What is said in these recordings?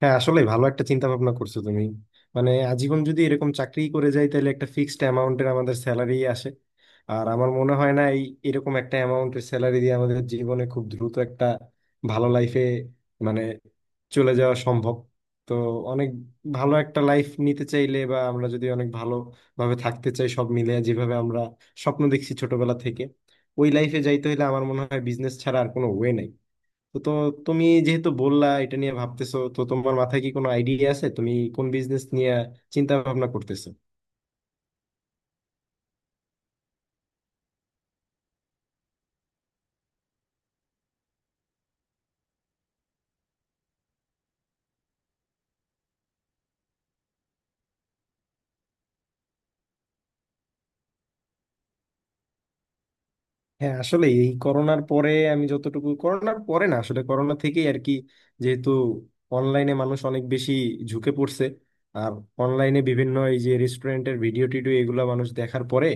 হ্যাঁ, আসলে ভালো একটা চিন্তা ভাবনা করছো তুমি। মানে আজীবন যদি এরকম চাকরি করে যাই, তাহলে একটা ফিক্সড অ্যামাউন্টের আমাদের স্যালারি আসে। আর আমার মনে হয় না এই এরকম একটা অ্যামাউন্টের স্যালারি দিয়ে আমাদের জীবনে খুব দ্রুত একটা ভালো লাইফে মানে চলে যাওয়া সম্ভব। তো অনেক ভালো একটা লাইফ নিতে চাইলে, বা আমরা যদি অনেক ভালোভাবে থাকতে চাই, সব মিলে যেভাবে আমরা স্বপ্ন দেখছি ছোটবেলা থেকে, ওই লাইফে যাইতে হলে আমার মনে হয় বিজনেস ছাড়া আর কোনো ওয়ে নাই। তো তো তুমি যেহেতু বললা এটা নিয়ে ভাবতেছো, তো তোমার মাথায় কি কোনো আইডিয়া আছে তুমি কোন বিজনেস নিয়ে চিন্তা ভাবনা করতেছো? হ্যাঁ, আসলে এই করোনার পরে আমি যতটুকু, করোনার পরে না আসলে করোনা থেকেই আর কি, যেহেতু অনলাইনে মানুষ অনেক বেশি ঝুঁকে পড়ছে, আর অনলাইনে বিভিন্ন এই যে রেস্টুরেন্টের ভিডিও টিডিও এগুলো মানুষ দেখার পরে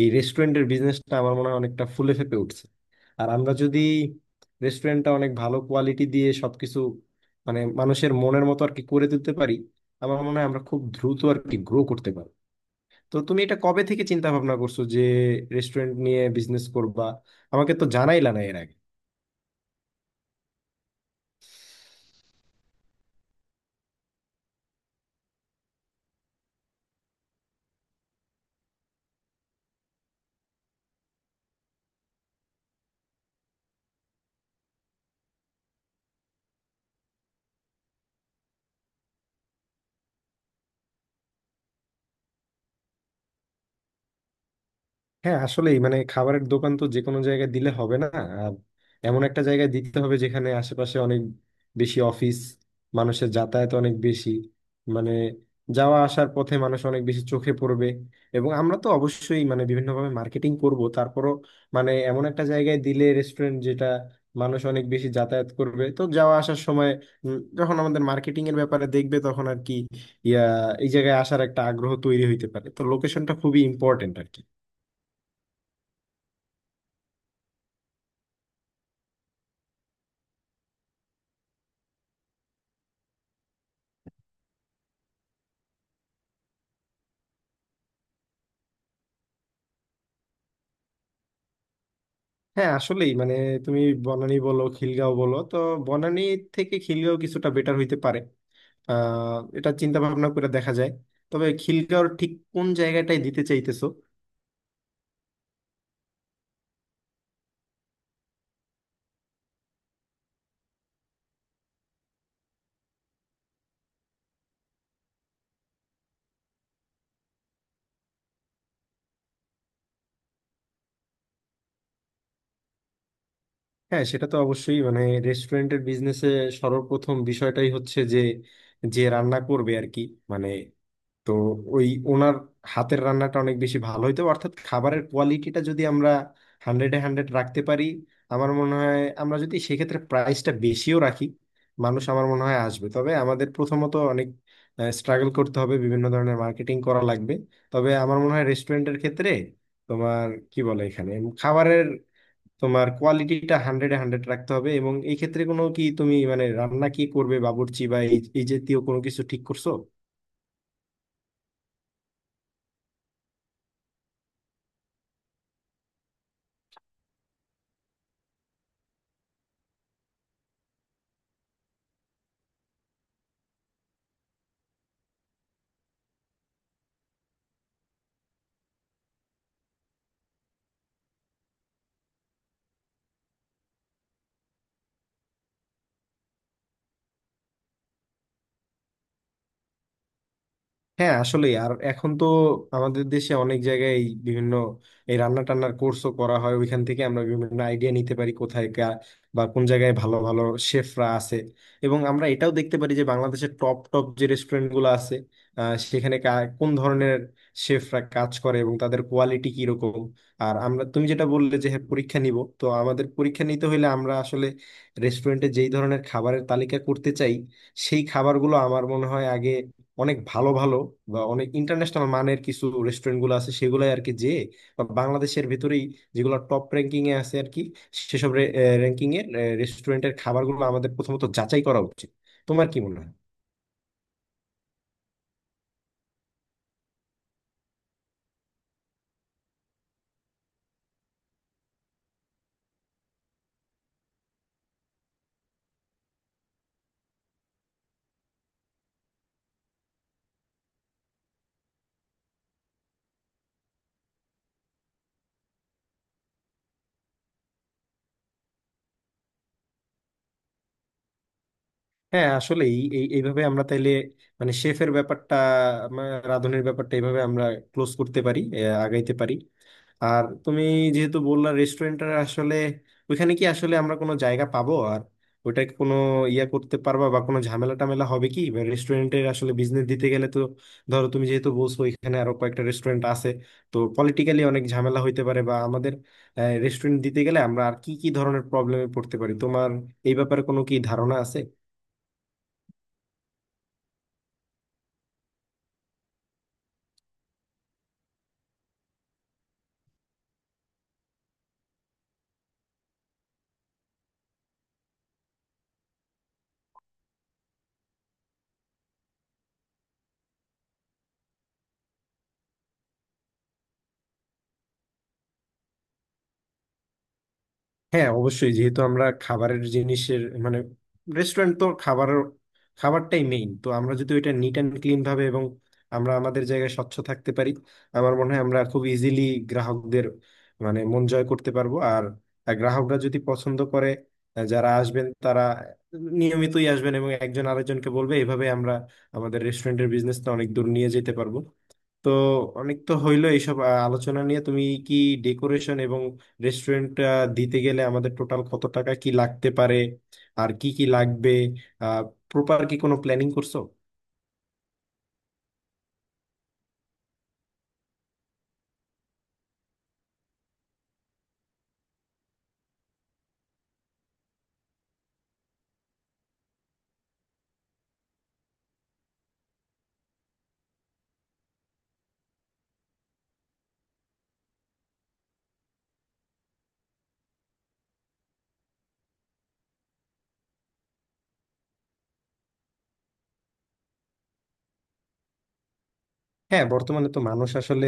এই রেস্টুরেন্টের বিজনেসটা আমার মনে হয় অনেকটা ফুলে ফেঁপে উঠছে। আর আমরা যদি রেস্টুরেন্টটা অনেক ভালো কোয়ালিটি দিয়ে সবকিছু মানে মানুষের মনের মতো আর কি করে তুলতে পারি, আমার মনে হয় আমরা খুব দ্রুত আর কি গ্রো করতে পারি। তো তুমি এটা কবে থেকে চিন্তা ভাবনা করছো যে রেস্টুরেন্ট নিয়ে বিজনেস করবা? আমাকে তো জানাইলা না এর আগে। হ্যাঁ, আসলেই মানে খাবারের দোকান তো যে কোনো জায়গায় দিলে হবে না। আর এমন একটা জায়গায় দিতে হবে যেখানে আশেপাশে অনেক বেশি অফিস, মানুষের যাতায়াত অনেক বেশি, মানে যাওয়া আসার পথে মানুষ অনেক বেশি চোখে পড়বে। এবং আমরা তো অবশ্যই মানে বিভিন্নভাবে মার্কেটিং করব, তারপরও মানে এমন একটা জায়গায় দিলে রেস্টুরেন্ট যেটা মানুষ অনেক বেশি যাতায়াত করবে, তো যাওয়া আসার সময় যখন আমাদের মার্কেটিং এর ব্যাপারে দেখবে তখন আর কি ইয়া এই জায়গায় আসার একটা আগ্রহ তৈরি হইতে পারে। তো লোকেশনটা খুবই ইম্পর্টেন্ট আর কি। হ্যাঁ, আসলেই মানে তুমি বনানী বলো খিলগাঁও বলো, তো বনানী থেকে খিলগাঁও কিছুটা বেটার হইতে পারে। আহ, এটা চিন্তা ভাবনা করে দেখা যায়। তবে খিলগাঁওর ঠিক কোন জায়গাটায় দিতে চাইতেছো? হ্যাঁ, সেটা তো অবশ্যই মানে রেস্টুরেন্টের বিজনেসে সর্বপ্রথম বিষয়টাই হচ্ছে যে যে রান্না করবে আর কি, মানে তো ওই ওনার হাতের রান্নাটা অনেক বেশি ভালো হইতো, অর্থাৎ খাবারের কোয়ালিটিটা যদি আমরা হান্ড্রেডে হান্ড্রেড রাখতে পারি, আমার মনে হয় আমরা যদি সেক্ষেত্রে প্রাইসটা বেশিও রাখি, মানুষ আমার মনে হয় আসবে। তবে আমাদের প্রথমত অনেক স্ট্রাগল করতে হবে, বিভিন্ন ধরনের মার্কেটিং করা লাগবে। তবে আমার মনে হয় রেস্টুরেন্টের ক্ষেত্রে তোমার কি বলে এখানে, খাবারের তোমার কোয়ালিটিটা হান্ড্রেডে হান্ড্রেড রাখতে হবে। এবং এই ক্ষেত্রে কোনো কি তুমি মানে রান্না কি করবে বাবুর্চি বা এই এই জাতীয় কোনো কিছু ঠিক করছো? হ্যাঁ, আসলে আর এখন তো আমাদের দেশে অনেক জায়গায় এই বিভিন্ন এই রান্না টান্নার কোর্সও করা হয়। ওইখান থেকে আমরা বিভিন্ন আইডিয়া নিতে পারি কোথায় বা কোন জায়গায় ভালো ভালো শেফরা আছে। এবং আমরা এটাও দেখতে পারি যে বাংলাদেশের টপ টপ যে রেস্টুরেন্ট গুলো আছে সেখানে কোন ধরনের শেফরা কাজ করে এবং তাদের কোয়ালিটি কিরকম। আর আমরা তুমি যেটা বললে যে হ্যাঁ পরীক্ষা নিব, তো আমাদের পরীক্ষা নিতে হলে আমরা আসলে রেস্টুরেন্টে যেই ধরনের খাবারের তালিকা করতে চাই, সেই খাবারগুলো আমার মনে হয় আগে অনেক ভালো ভালো বা অনেক ইন্টারন্যাশনাল মানের কিছু রেস্টুরেন্ট গুলো আছে সেগুলাই আর কি, যে বা বাংলাদেশের ভিতরেই যেগুলো টপ র্যাঙ্কিং এ আছে আর কি, সেসব র্যাঙ্কিং এ রেস্টুরেন্টের খাবারগুলো আমাদের প্রথমত যাচাই করা উচিত। তোমার কি মনে হয়? হ্যাঁ, আসলে এই এই- এইভাবে আমরা তাইলে মানে শেফের ব্যাপারটা, মা- রাঁধুনির ব্যাপারটা এইভাবে আমরা ক্লোজ করতে পারি, আগাইতে পারি। আর তুমি যেহেতু বললা রেস্টুরেন্টটা আসলে ওইখানে কি আসলে আমরা কোনো জায়গা পাবো, আর ওইটা কি কোনো ইয়া করতে পারবা বা কোনো ঝামেলা টামেলা হবে কি? রেস্টুরেন্টের আসলে বিজনেস দিতে গেলে তো, ধরো তুমি যেহেতু বলছো ওইখানে আরো কয়েকটা রেস্টুরেন্ট আছে, তো পলিটিক্যালি অনেক ঝামেলা হইতে পারে। বা আমাদের রেস্টুরেন্ট দিতে গেলে আমরা আর কি কি ধরনের প্রবলেমে পড়তে পারি, তোমার এই ব্যাপারে কোনো কি ধারণা আছে? হ্যাঁ, অবশ্যই যেহেতু আমরা খাবারের জিনিসের মানে রেস্টুরেন্ট তো খাবার, খাবারটাই মেইন, তো আমরা যদি ওইটা নিট অ্যান্ড ক্লিন ভাবে এবং আমরা আমাদের জায়গায় স্বচ্ছ থাকতে পারি, আমার মনে হয় আমরা খুব ইজিলি গ্রাহকদের মানে মন জয় করতে পারবো। আর গ্রাহকরা যদি পছন্দ করে, যারা আসবেন তারা নিয়মিতই আসবেন এবং একজন আরেকজনকে বলবে, এভাবে আমরা আমাদের রেস্টুরেন্টের বিজনেসটা অনেক দূর নিয়ে যেতে পারবো। তো অনেক তো হইলো এইসব আলোচনা নিয়ে। তুমি কি ডেকোরেশন এবং রেস্টুরেন্ট দিতে গেলে আমাদের টোটাল কত টাকা কি লাগতে পারে, আর কি কি লাগবে, আহ, প্রপার কি কোনো প্ল্যানিং করছো? হ্যাঁ, বর্তমানে তো মানুষ আসলে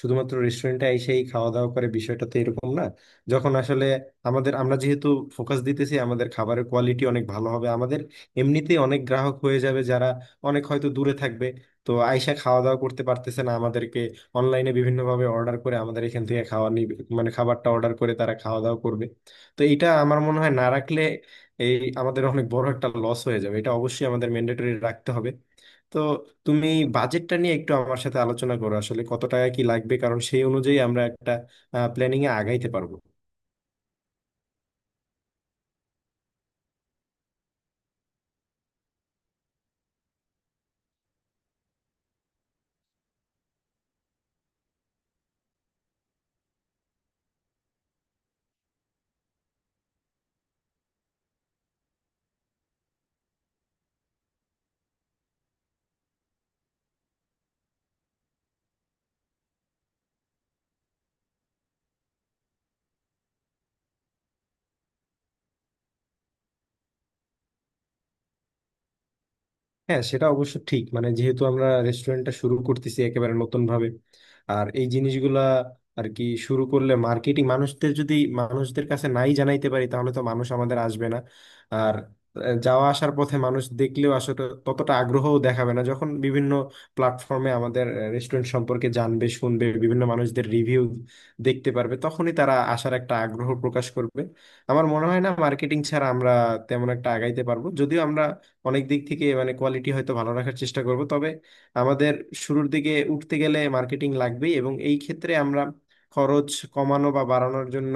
শুধুমাত্র রেস্টুরেন্টে এসেই খাওয়া দাওয়া করে বিষয়টা তো এরকম না। যখন আসলে আমাদের আমরা যেহেতু ফোকাস দিতেছি আমাদের খাবারের কোয়ালিটি অনেক ভালো হবে, আমাদের এমনিতেই অনেক গ্রাহক হয়ে যাবে, যারা অনেক হয়তো দূরে থাকবে, তো আইসা খাওয়া দাওয়া করতে পারতেছে না, আমাদেরকে অনলাইনে বিভিন্নভাবে অর্ডার করে আমাদের এখান থেকে খাওয়া নিবে, মানে খাবারটা অর্ডার করে তারা খাওয়া দাওয়া করবে। তো এটা আমার মনে হয় না রাখলে এই আমাদের অনেক বড় একটা লস হয়ে যাবে, এটা অবশ্যই আমাদের ম্যান্ডেটরি রাখতে হবে। তো তুমি বাজেটটা নিয়ে একটু আমার সাথে আলোচনা করো আসলে কত টাকা কি লাগবে, কারণ সেই অনুযায়ী আমরা একটা প্ল্যানিং এ আগাইতে পারবো। হ্যাঁ, সেটা অবশ্য ঠিক মানে যেহেতু আমরা রেস্টুরেন্টটা শুরু করতেছি একেবারে নতুন ভাবে, আর এই জিনিসগুলা আর কি শুরু করলে মার্কেটিং মানুষদের যদি মানুষদের কাছে নাই জানাইতে পারি তাহলে তো মানুষ আমাদের আসবে না। আর যাওয়া আসার পথে মানুষ দেখলেও আসলে ততটা আগ্রহও দেখাবে না, যখন বিভিন্ন প্ল্যাটফর্মে আমাদের রেস্টুরেন্ট সম্পর্কে জানবে শুনবে, বিভিন্ন মানুষদের রিভিউ দেখতে পারবে তখনই তারা আসার একটা আগ্রহ প্রকাশ করবে। আমার মনে হয় না মার্কেটিং ছাড়া আমরা তেমন একটা আগাইতে পারবো। যদিও আমরা অনেক দিক থেকে মানে কোয়ালিটি হয়তো ভালো রাখার চেষ্টা করব, তবে আমাদের শুরুর দিকে উঠতে গেলে মার্কেটিং লাগবেই। এবং এই ক্ষেত্রে আমরা খরচ কমানো বা বাড়ানোর জন্য,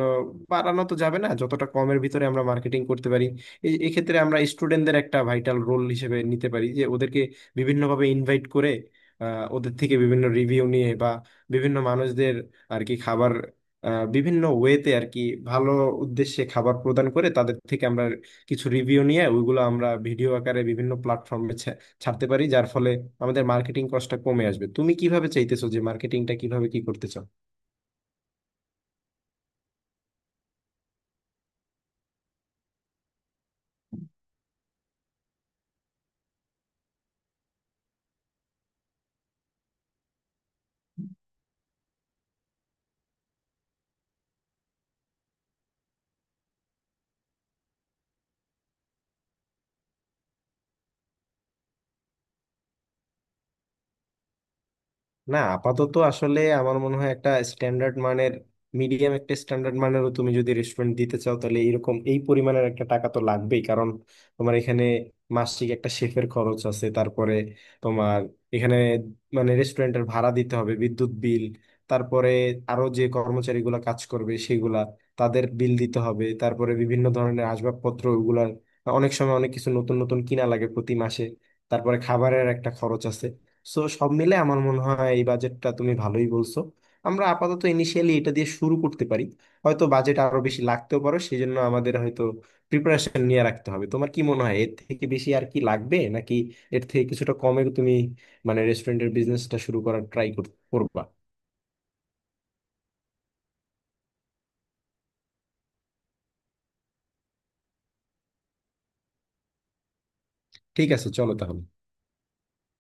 বাড়ানো তো যাবে না, যতটা কমের ভিতরে আমরা মার্কেটিং করতে পারি, এই এক্ষেত্রে আমরা স্টুডেন্টদের একটা ভাইটাল রোল হিসেবে নিতে পারি, যে ওদেরকে বিভিন্নভাবে ইনভাইট করে ওদের থেকে বিভিন্ন রিভিউ নিয়ে, বা বিভিন্ন মানুষদের আর কি খাবার বিভিন্ন ওয়েতে আর কি ভালো উদ্দেশ্যে খাবার প্রদান করে তাদের থেকে আমরা কিছু রিভিউ নিয়ে ওইগুলো আমরা ভিডিও আকারে বিভিন্ন প্ল্যাটফর্মে ছাড়তে পারি, যার ফলে আমাদের মার্কেটিং কস্টটা কমে আসবে। তুমি কিভাবে চাইতেছো যে মার্কেটিংটা কিভাবে কি করতে চাও? না, আপাতত আসলে আমার মনে হয় একটা স্ট্যান্ডার্ড মানের, মিডিয়াম একটা স্ট্যান্ডার্ড মানেরও তুমি যদি রেস্টুরেন্ট দিতে চাও, তাহলে এরকম এই পরিমাণের একটা টাকা তো লাগবেই। কারণ তোমার এখানে মাসিক একটা শেফের খরচ আছে, তারপরে তোমার এখানে মানে রেস্টুরেন্টের ভাড়া দিতে হবে, বিদ্যুৎ বিল, তারপরে আরো যে কর্মচারীগুলা কাজ করবে সেগুলা তাদের বিল দিতে হবে, তারপরে বিভিন্ন ধরনের আসবাবপত্র ওগুলার অনেক সময় অনেক কিছু নতুন নতুন কিনা লাগে প্রতি মাসে, তারপরে খাবারের একটা খরচ আছে। সো সব মিলে আমার মনে হয় এই বাজেটটা তুমি ভালোই বলছো। আমরা আপাতত ইনিশিয়ালি এটা দিয়ে শুরু করতে পারি। হয়তো বাজেট আরো বেশি লাগতেও পারো, সেই জন্য আমাদের হয়তো প্রিপারেশন নিয়ে রাখতে হবে। তোমার কি মনে হয় এর থেকে বেশি আর কি লাগবে, নাকি এর থেকে কিছুটা কমে তুমি মানে রেস্টুরেন্টের বিজনেসটা শুরু করার ট্রাই করবা? ঠিক আছে, চলো তাহলে।